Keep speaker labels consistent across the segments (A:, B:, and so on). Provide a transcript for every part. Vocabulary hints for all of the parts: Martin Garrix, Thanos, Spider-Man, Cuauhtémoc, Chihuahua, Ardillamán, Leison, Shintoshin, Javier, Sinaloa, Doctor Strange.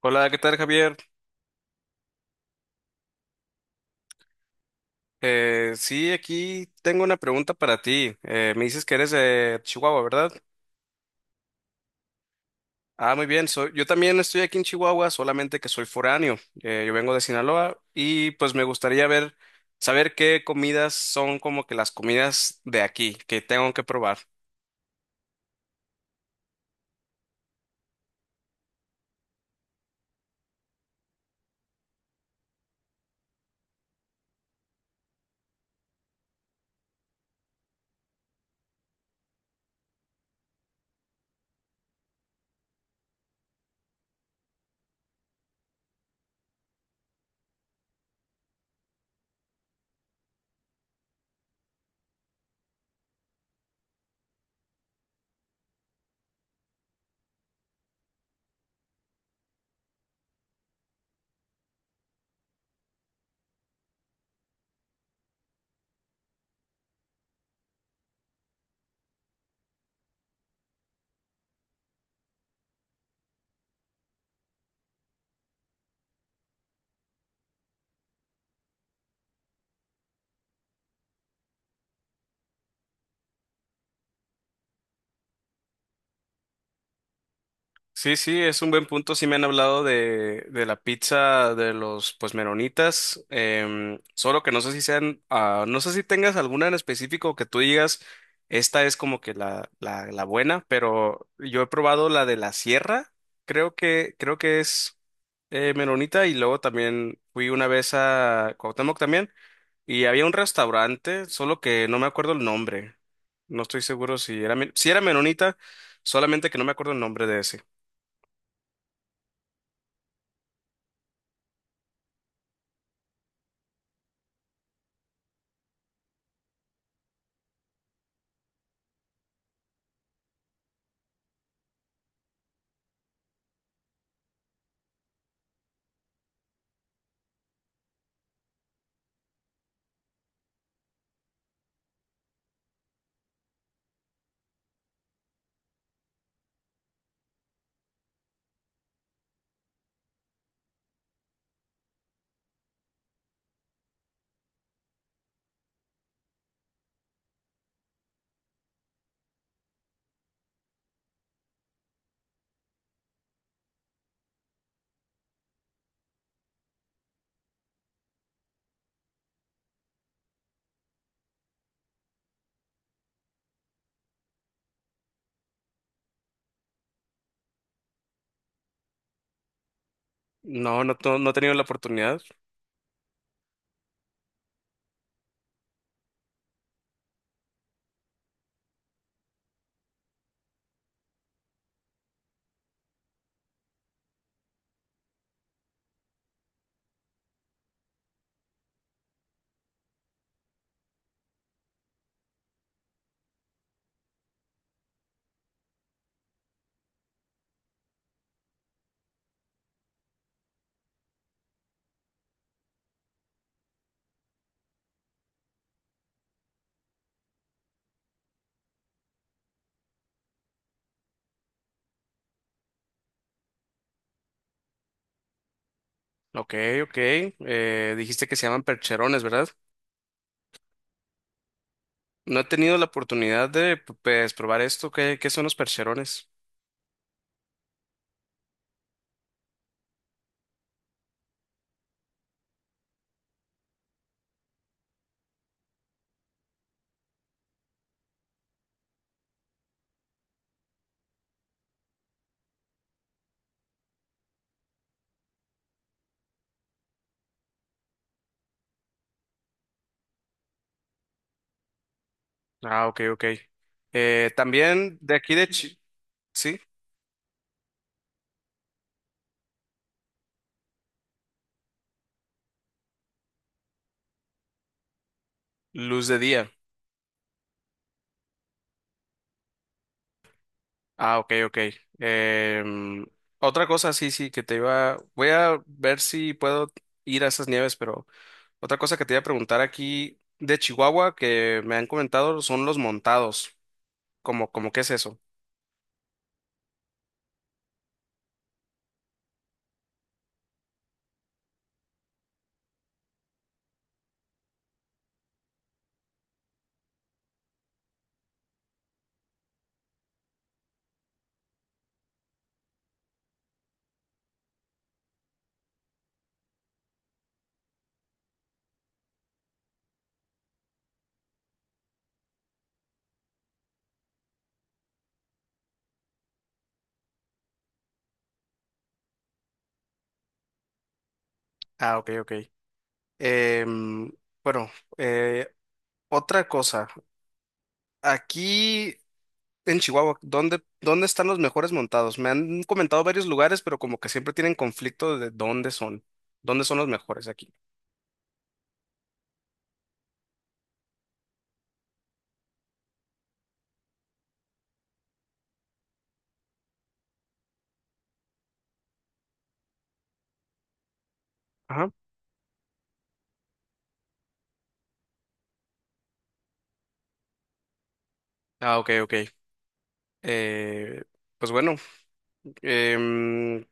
A: Hola, ¿qué tal, Javier? Sí, aquí tengo una pregunta para ti. Me dices que eres de Chihuahua, ¿verdad? Ah, muy bien. Yo también estoy aquí en Chihuahua, solamente que soy foráneo. Yo vengo de Sinaloa y pues me gustaría saber qué comidas son como que las comidas de aquí que tengo que probar. Sí, sí, es un buen punto. Sí me han hablado de la pizza de los pues meronitas, solo que no sé si sean, ah, no sé si tengas alguna en específico que tú digas, esta es como que la buena, pero yo he probado la de la sierra, creo que es meronita, y luego también fui una vez a Cuauhtémoc también y había un restaurante, solo que no me acuerdo el nombre. No estoy seguro si si era meronita, solamente que no me acuerdo el nombre de ese. No, no he tenido la oportunidad. Ok, ok. Dijiste que se llaman percherones, ¿verdad? No he tenido la oportunidad de pues, probar esto. ¿Qué son los percherones? Ah, ok, ok. También de aquí de Chi- sí, luz de día. Ah, ok, ok. Em, Otra cosa, sí, sí, que te iba. Voy a ver si puedo ir a esas nieves, pero otra cosa que te iba a preguntar aquí de Chihuahua que me han comentado son los montados. ¿Cómo qué es eso? Ah, ok, ok. Em, bueno, eh, Otra cosa. Aquí en Chihuahua, ¿dónde están los mejores montados? Me han comentado varios lugares, pero como que siempre tienen conflicto de dónde son. ¿Dónde son los mejores aquí? Ajá. Ah, ok, ok. Eh, pues bueno, em,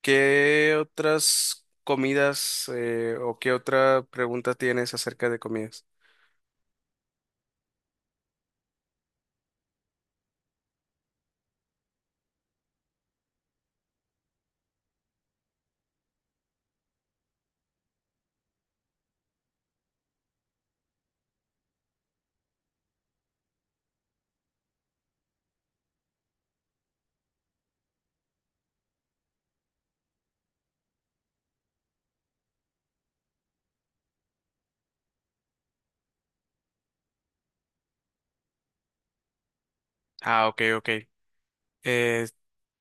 A: ¿qué otras comidas o qué otra pregunta tienes acerca de comidas? Ah, ok, ok. Eh,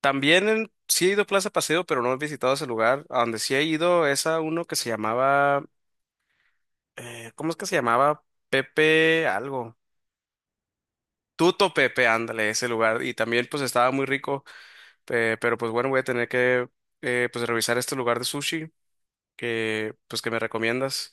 A: También en- sí he ido a Plaza Paseo, pero no he visitado ese lugar. A donde sí he ido es a uno que se llamaba, ¿cómo es que se llamaba? Pepe algo. Tuto Pepe, ándale, ese lugar. Y también pues estaba muy rico, pero pues bueno, voy a tener que pues revisar este lugar de sushi que pues que me recomiendas.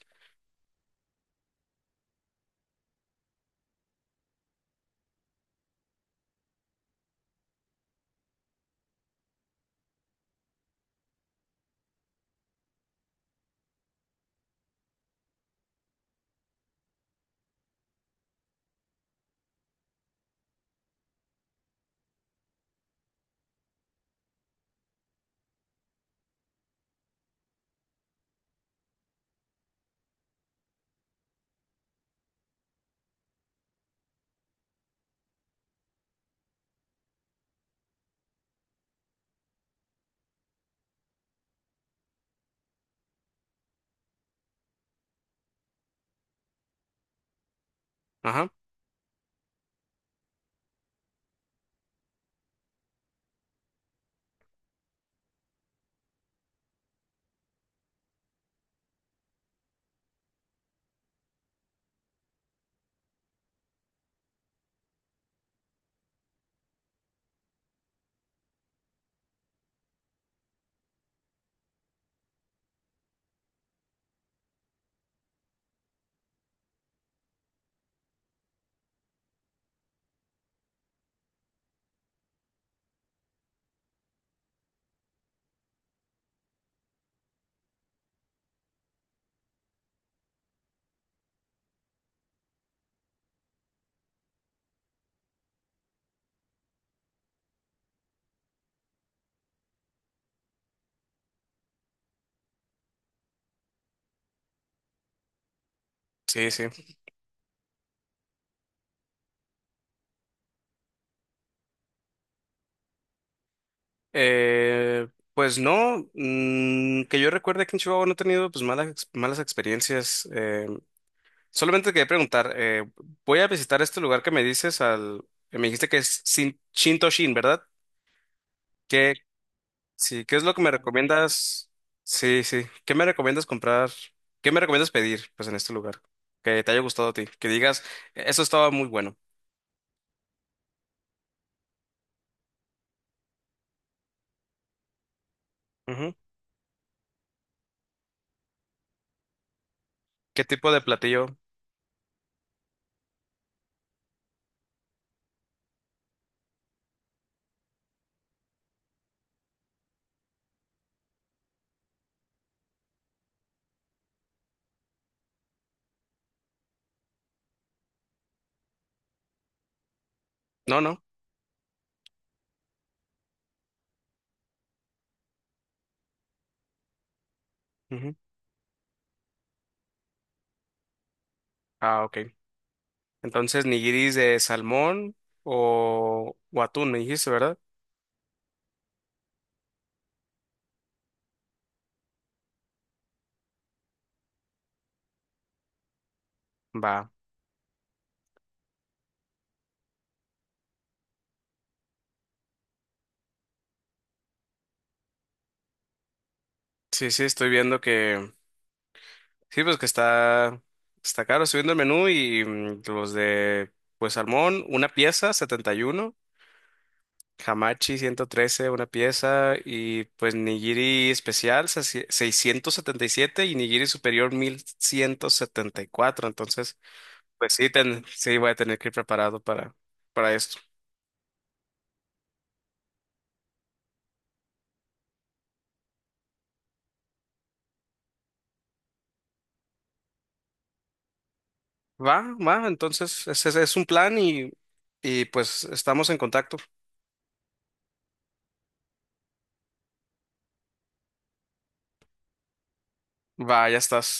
A: Ajá, sí, sí. Eh, pues no, mm, que yo recuerde que en Chihuahua no he tenido pues malas experiencias. Solamente quería preguntar, voy a visitar este lugar que me que me dijiste que es Shintoshin, ¿verdad? ¿Qué, sí, ¿qué es lo que me recomiendas? Sí, sí. ¿Qué me recomiendas comprar? ¿Qué me recomiendas pedir, pues, en este lugar? Que te haya gustado a ti, que digas, "E-, eso estaba muy bueno." Ujú. ¿Qué tipo de platillo? No, no. Ujú. Ah, ok. Entonces, nigiris de salmón o atún, me dijiste, ¿verdad? Va. Sí, sí, estoy viendo que sí, pues que está caro. Estoy viendo el menú y mm, los de, pues, salmón, una pieza, 71, Hamachi, 113 una pieza. Y pues nigiri especial, sesi- 677, y nigiri superior, 1174. Entonces, pues sí, ten- sí, voy a tener que ir preparado para esto. Va, va. Entonces, ese es un plan y pues estamos en contacto. Va, ya estás.